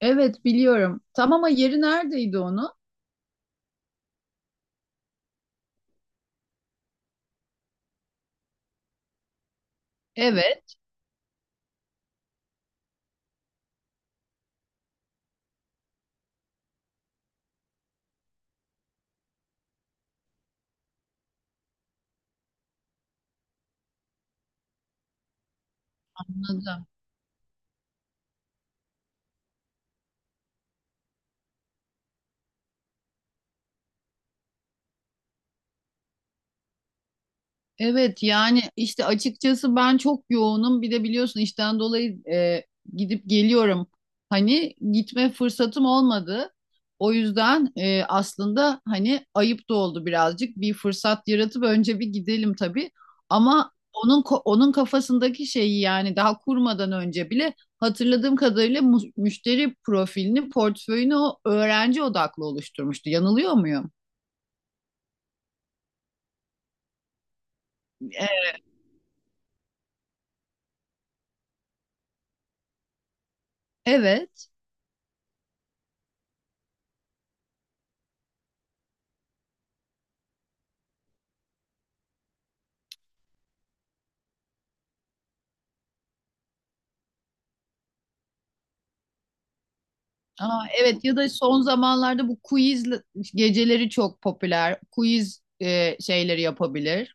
Evet biliyorum. Tam ama yeri neredeydi onu? Evet. Anladım. Evet yani işte açıkçası ben çok yoğunum. Bir de biliyorsun işten dolayı gidip geliyorum. Hani gitme fırsatım olmadı. O yüzden aslında hani ayıp da oldu birazcık. Bir fırsat yaratıp önce bir gidelim tabii. Ama onun kafasındaki şeyi yani daha kurmadan önce bile hatırladığım kadarıyla müşteri profilini, portföyünü o öğrenci odaklı oluşturmuştu. Yanılıyor muyum? E, Evet. Aa, evet ya da son zamanlarda bu quiz geceleri çok popüler. Quiz şeyleri yapabilir.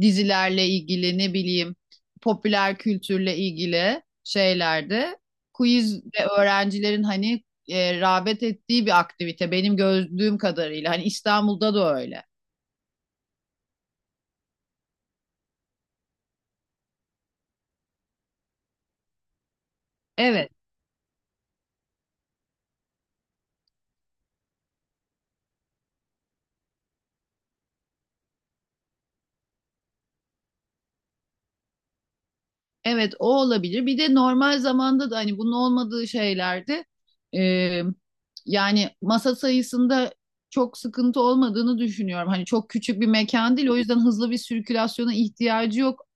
Dizilerle ilgili ne bileyim popüler kültürle ilgili şeylerde quiz ve öğrencilerin hani rağbet ettiği bir aktivite benim gördüğüm kadarıyla. Hani İstanbul'da da öyle. Evet. Evet o olabilir. Bir de normal zamanda da hani bunun olmadığı şeylerde e, yani masa sayısında çok sıkıntı olmadığını düşünüyorum. Hani çok küçük bir mekan değil o yüzden hızlı bir sirkülasyona ihtiyacı yok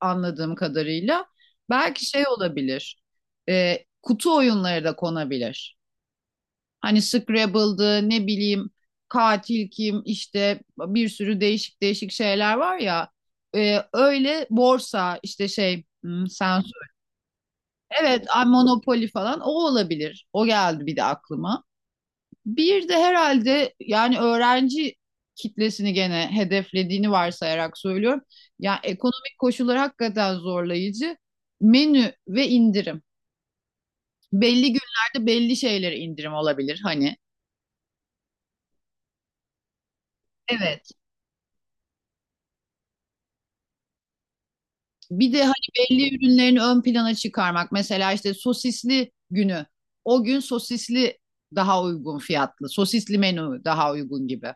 anladığım kadarıyla. Belki şey olabilir, kutu oyunları da konabilir. Hani Scrabble'dı ne bileyim katil kim işte bir sürü değişik değişik şeyler var ya. Öyle borsa işte şey sen evet, ay Monopoly falan o olabilir. O geldi bir de aklıma. Bir de herhalde yani öğrenci kitlesini gene hedeflediğini varsayarak söylüyorum. Yani ekonomik koşullar hakikaten zorlayıcı. Menü ve indirim. Belli günlerde belli şeylere indirim olabilir hani. Evet. Bir de hani belli ürünlerini ön plana çıkarmak. Mesela işte sosisli günü. O gün sosisli daha uygun fiyatlı. Sosisli menü daha uygun gibi.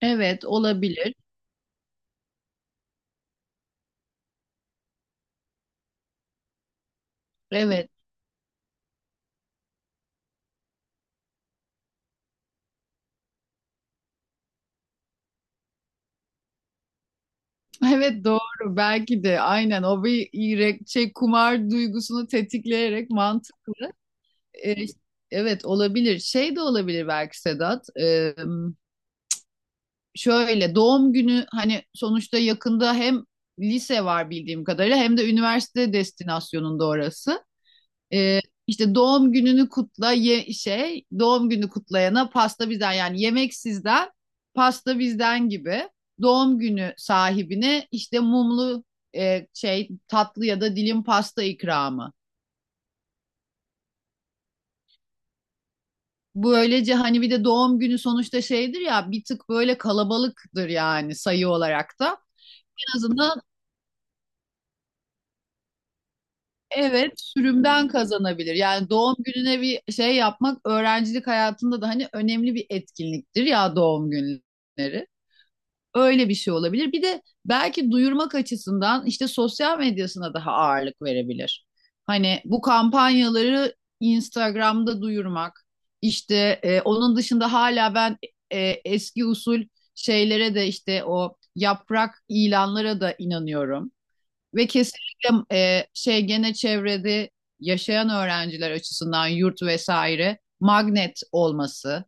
Evet, olabilir. Evet. Evet doğru belki de aynen o bir şey kumar duygusunu tetikleyerek mantıklı. Ee, evet olabilir. Şey de olabilir belki Sedat. Şöyle doğum günü hani sonuçta yakında hem lise var bildiğim kadarıyla hem de üniversite destinasyonunda orası. Ee, işte doğum gününü kutla ye, şey doğum günü kutlayana pasta bizden yani yemek sizden pasta bizden gibi doğum günü sahibine işte mumlu şey tatlı ya da dilim pasta ikramı. Böylece hani bir de doğum günü sonuçta şeydir ya bir tık böyle kalabalıktır yani sayı olarak da. En azından evet sürümden kazanabilir. Yani doğum gününe bir şey yapmak öğrencilik hayatında da hani önemli bir etkinliktir ya doğum günleri. Öyle bir şey olabilir. Bir de belki duyurmak açısından işte sosyal medyasına daha ağırlık verebilir. Hani bu kampanyaları Instagram'da duyurmak, işte onun dışında hala ben e, eski usul şeylere de işte o yaprak ilanlara da inanıyorum. Ve kesinlikle şey gene çevrede yaşayan öğrenciler açısından yurt vesaire magnet olması.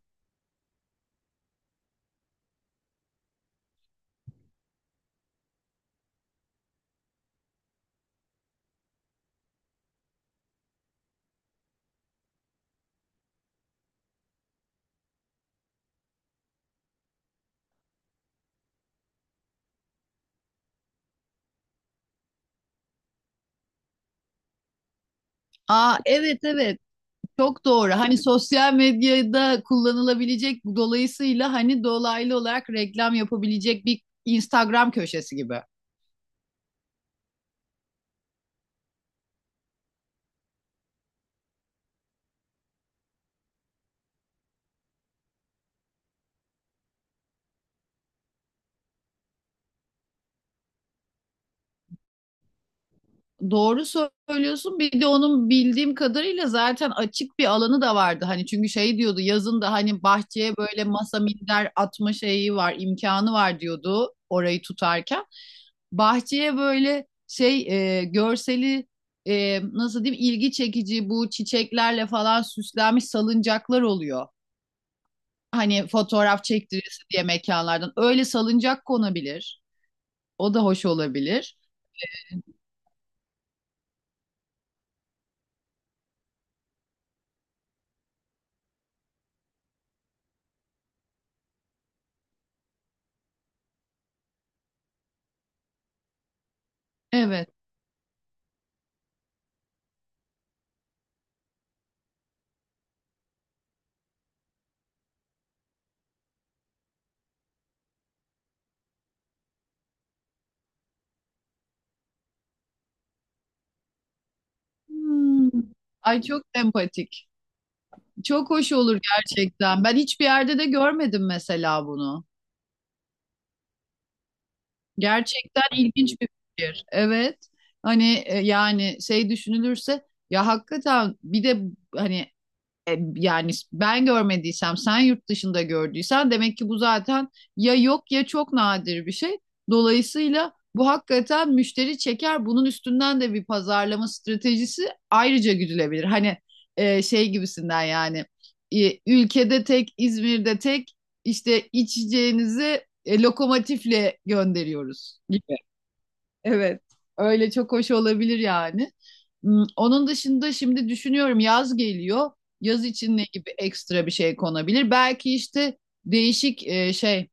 Aa evet evet. Çok doğru. Hani sosyal medyada kullanılabilecek dolayısıyla hani dolaylı olarak reklam yapabilecek bir Instagram köşesi gibi. Doğru söylüyorsun. Bir de onun bildiğim kadarıyla zaten açık bir alanı da vardı. Hani çünkü şey diyordu yazın da hani bahçeye böyle masa minder atma şeyi var, imkanı var diyordu orayı tutarken. Bahçeye böyle şey görseli nasıl diyeyim ilgi çekici bu çiçeklerle falan süslenmiş salıncaklar oluyor. Hani fotoğraf çektirisi diye mekanlardan. Öyle salıncak konabilir. O da hoş olabilir. Evet. Hmm. Ay çok empatik. Çok hoş olur gerçekten. Ben hiçbir yerde de görmedim mesela bunu. Gerçekten ilginç bir fikir. Evet. Hani yani şey düşünülürse ya hakikaten bir de hani yani ben görmediysem, sen yurt dışında gördüysen demek ki bu zaten ya yok ya çok nadir bir şey. Dolayısıyla bu hakikaten müşteri çeker. Bunun üstünden de bir pazarlama stratejisi ayrıca güdülebilir. Hani şey gibisinden yani ülkede tek, İzmir'de tek işte içeceğinizi lokomotifle gönderiyoruz. Evet, öyle çok hoş olabilir yani. Onun dışında şimdi düşünüyorum yaz geliyor. Yaz için ne gibi ekstra bir şey konabilir? Belki işte değişik şey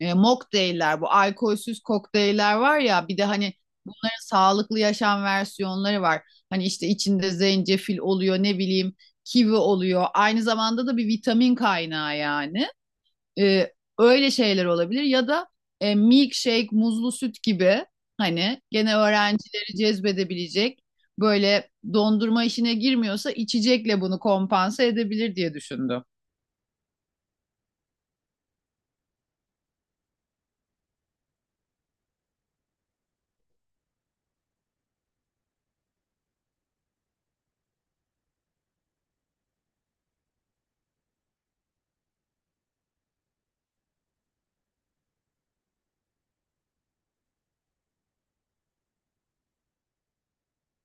mocktailler bu alkolsüz kokteyller var ya bir de hani bunların sağlıklı yaşam versiyonları var. Hani işte içinde zencefil oluyor ne bileyim kivi oluyor. Aynı zamanda da bir vitamin kaynağı yani. E, Öyle şeyler olabilir ya da milkshake, muzlu süt gibi hani gene öğrencileri cezbedebilecek böyle dondurma işine girmiyorsa içecekle bunu kompanse edebilir diye düşündüm.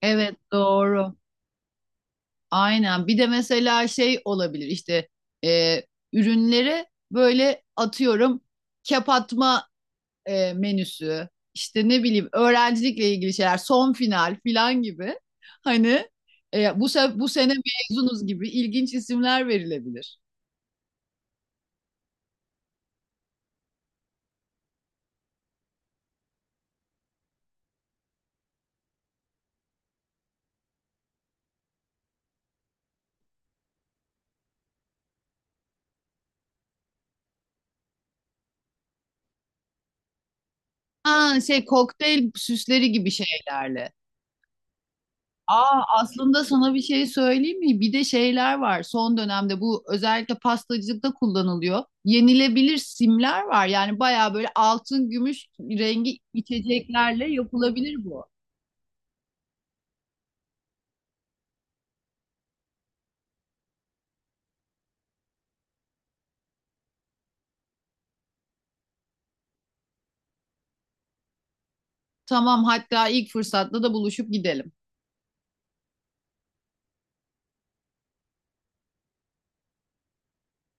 Evet doğru. Aynen. Bir de mesela şey olabilir işte e, ürünleri böyle atıyorum kep atma menüsü, işte ne bileyim öğrencilikle ilgili şeyler, son final filan gibi. Hani bu sene mezunuz gibi ilginç isimler verilebilir. Ha şey kokteyl süsleri gibi şeylerle. Aa aslında sana bir şey söyleyeyim mi? Bir de şeyler var. Son dönemde bu özellikle pastacılıkta kullanılıyor. Yenilebilir simler var. Yani bayağı böyle altın gümüş rengi içeceklerle yapılabilir bu. Tamam hatta ilk fırsatta da buluşup gidelim.